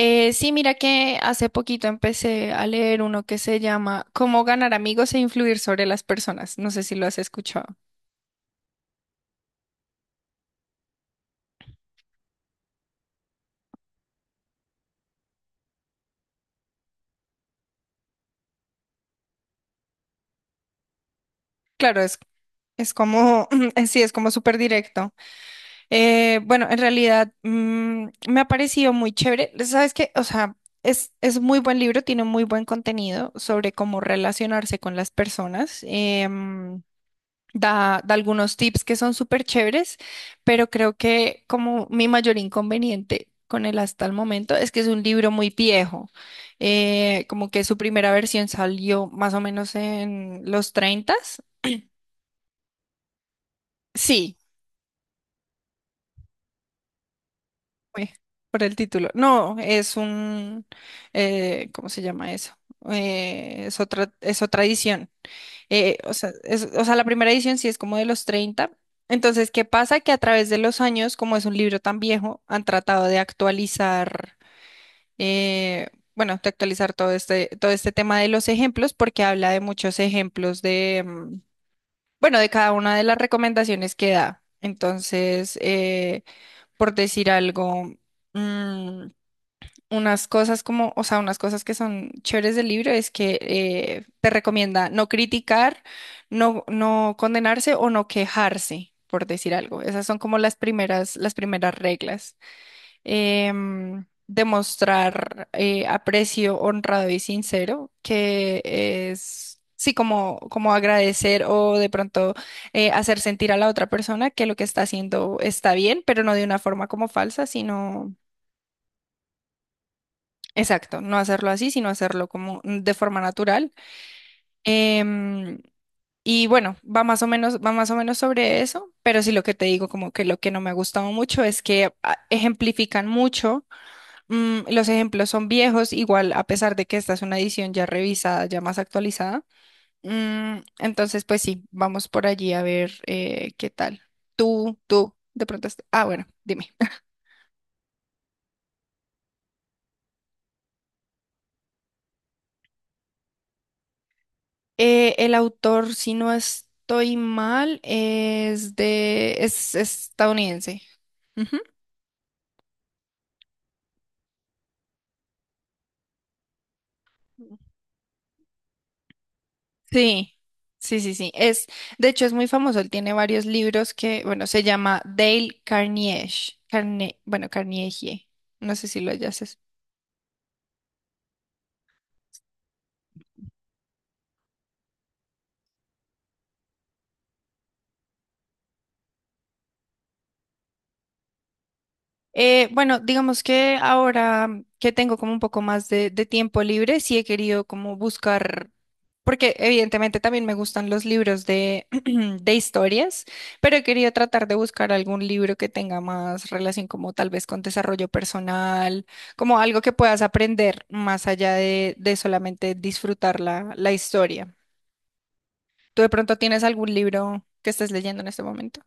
Sí, mira que hace poquito empecé a leer uno que se llama Cómo ganar amigos e influir sobre las personas. No sé si lo has escuchado. Claro, es como, sí, es como súper directo. Bueno, en realidad me ha parecido muy chévere. ¿Sabes qué? O sea, es muy buen libro, tiene muy buen contenido sobre cómo relacionarse con las personas. Da algunos tips que son súper chéveres, pero creo que como mi mayor inconveniente con él hasta el momento es que es un libro muy viejo, como que su primera versión salió más o menos en los 30. Sí, uy, por el título. No, es un, ¿cómo se llama eso? Es otra edición. O sea, la primera edición sí es como de los 30. Entonces, ¿qué pasa? Que a través de los años, como es un libro tan viejo, han tratado de actualizar, eh, bueno, de actualizar todo este tema de los ejemplos, porque habla de muchos ejemplos de, bueno, de cada una de las recomendaciones que da. Entonces, por decir algo, mm, unas cosas como, o sea, unas cosas que son chéveres del libro es que te recomienda no criticar, no, no condenarse o no quejarse, por decir algo. Esas son como las primeras reglas. Demostrar aprecio honrado y sincero, que es... Sí, como, como agradecer o de pronto hacer sentir a la otra persona que lo que está haciendo está bien, pero no de una forma como falsa, sino exacto, no hacerlo así, sino hacerlo como de forma natural. Em, y bueno, va más o menos sobre eso, pero sí lo que te digo, como que lo que no me ha gustado mucho es que ejemplifican mucho, los ejemplos son viejos, igual a pesar de que esta es una edición ya revisada, ya más actualizada. Entonces, pues sí, vamos por allí a ver qué tal. Tú, de pronto, bueno, dime. El autor, si no estoy mal, es estadounidense. Ujú. Sí, sí, sí, sí. De hecho, es muy famoso. Él tiene varios libros que, bueno, se llama Dale Carnegie. Bueno, Carnegie. No sé si lo hayas bueno digamos que ahora que tengo como un poco más de tiempo libre, sí he querido como buscar, porque evidentemente también me gustan los libros de historias, pero he querido tratar de buscar algún libro que tenga más relación como tal vez con desarrollo personal, como algo que puedas aprender más allá de solamente disfrutar la historia. ¿Tú de pronto tienes algún libro que estés leyendo en este momento?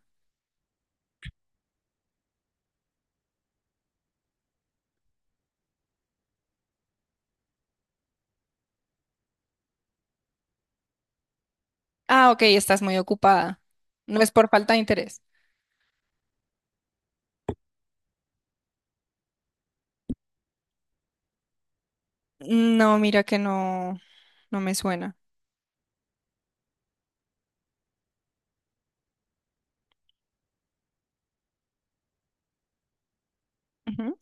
Ah, ok, estás muy ocupada. No es por falta de interés. No, mira que no, no me suena. Ujú.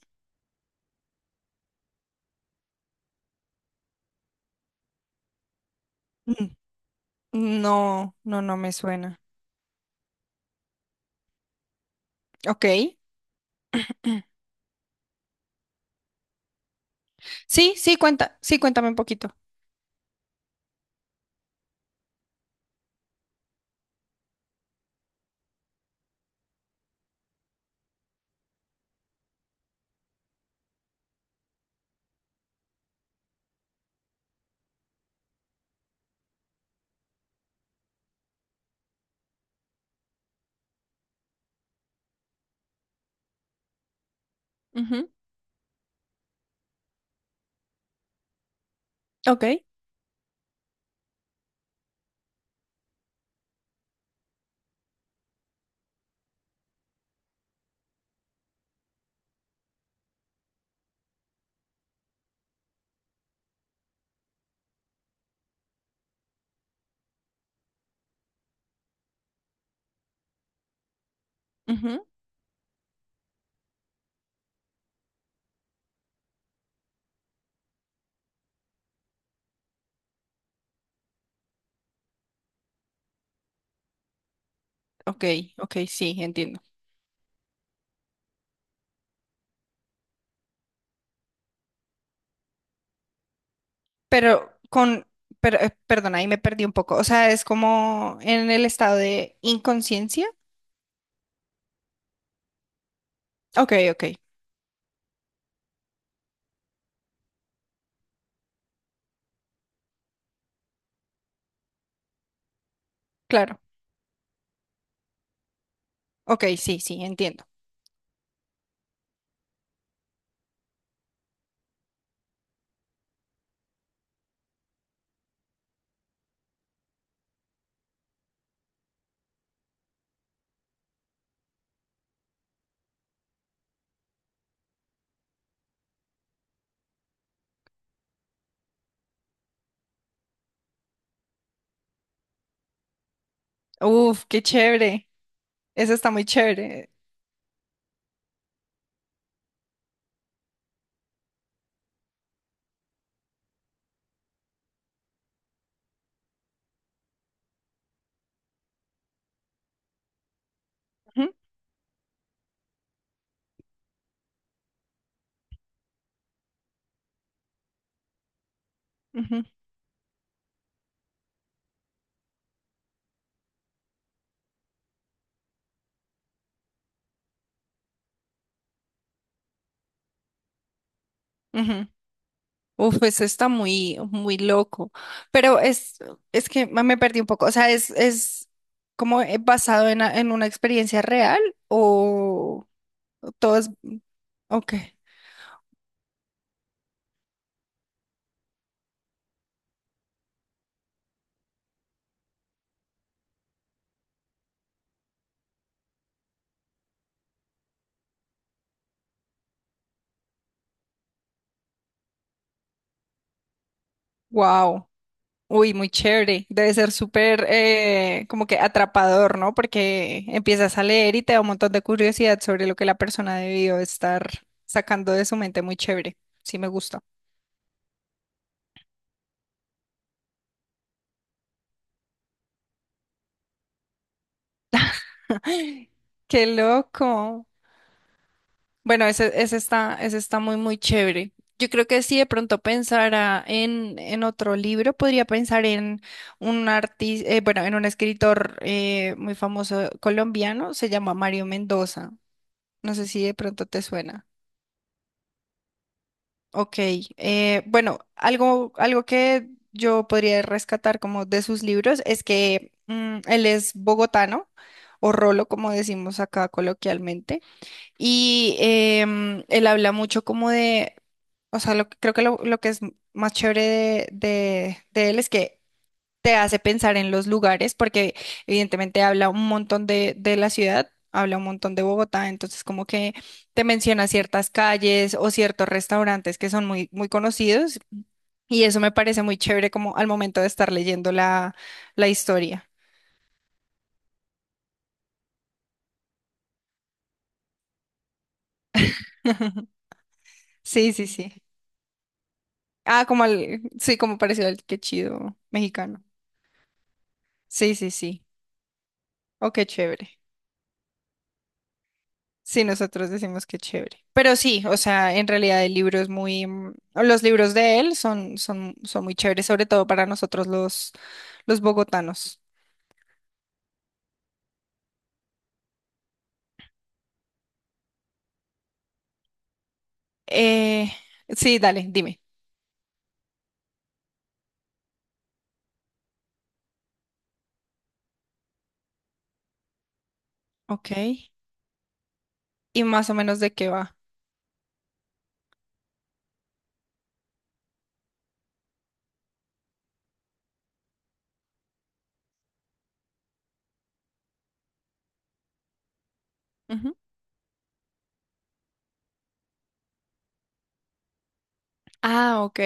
Mm, No no, no me suena. Ok. Sí, sí, cuenta, sí, cuéntame un poquito. Ujú, ok, ujú, ok, ok, sí, entiendo. Pero con, pero, perdona, ahí me perdí un poco. O sea, es como en el estado de inconsciencia. Ok, ok, claro. Ok, sí, sí, entiendo. Uf, qué chévere. Eso está muy chévere. Ujú, ujú, ujú. Uf, eso está muy, muy loco. Pero es que me perdí un poco. O sea, es como basado en, en una experiencia real o todo es, ok. Wow. Uy, muy chévere. Debe ser súper como que atrapador, ¿no? Porque empiezas a leer y te da un montón de curiosidad sobre lo que la persona debió estar sacando de su mente. Muy chévere. Sí, me gusta. Qué loco. Bueno, ese está muy, muy chévere. Yo creo que si de pronto pensara en otro libro, podría pensar en un artista, bueno, en un escritor muy famoso colombiano, se llama Mario Mendoza. No sé si de pronto te suena. Ok, bueno, algo que yo podría rescatar como de sus libros es que él es bogotano o rolo, como decimos acá coloquialmente. Y él habla mucho como de, o sea, creo que lo que es más chévere de él es que te hace pensar en los lugares, porque evidentemente habla un montón de la ciudad, habla un montón de Bogotá, entonces como que te menciona ciertas calles o ciertos restaurantes que son muy, muy conocidos, y eso me parece muy chévere como al momento de estar leyendo la historia. Sí, sí, sí. Ah, sí, como parecido al que chido mexicano. Sí, sí, sí. Oh, qué chévere. Sí, nosotros decimos que chévere. Pero sí, o sea, en realidad el libro es muy, mm, los libros de él son muy chéveres, sobre todo para nosotros los bogotanos. Eh, sí, dale, dime. Ok. ¿Y más o menos de qué va? Ujú. Ah, ok.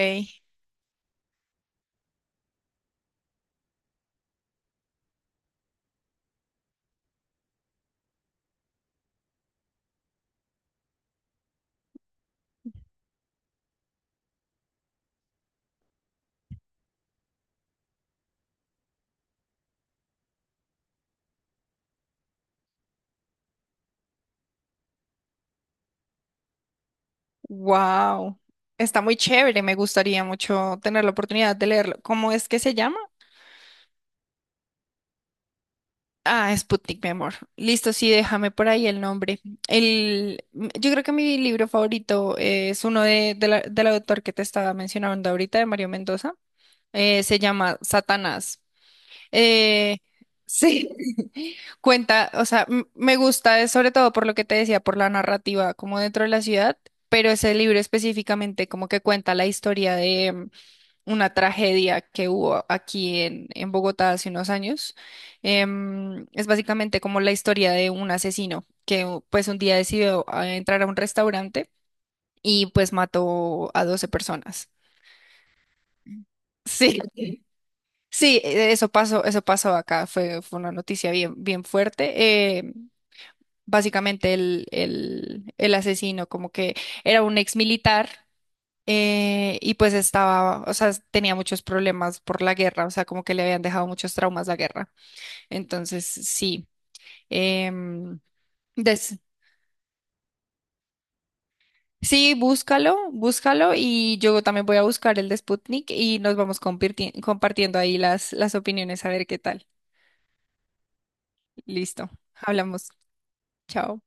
Wow. Está muy chévere. Me gustaría mucho tener la oportunidad de leerlo. ¿Cómo es que se llama? Ah, Sputnik, mi amor. Listo, sí, déjame por ahí el nombre. Yo creo que mi libro favorito es uno del autor que te estaba mencionando ahorita, de Mario Mendoza. Se llama Satanás. Eh, sí, cuenta, o sea, me gusta, sobre todo por lo que te decía, por la narrativa como dentro de la ciudad, pero ese libro específicamente como que cuenta la historia una tragedia que hubo aquí en Bogotá hace unos años. Es básicamente como la historia de un asesino que pues un día decidió entrar a un restaurante y pues mató a 12 personas. Sí. Ok. Sí, eso pasó acá, fue una noticia bien, bien fuerte. Básicamente el asesino como que era un ex militar, y pues estaba, o sea, tenía muchos problemas por la guerra, o sea, como que le habían dejado muchos traumas la guerra. Entonces, sí. em, des- sí, búscalo, búscalo y yo también voy a buscar el de Sputnik y nos vamos compartiendo ahí las opiniones a ver qué tal. Listo, hablamos. Chao.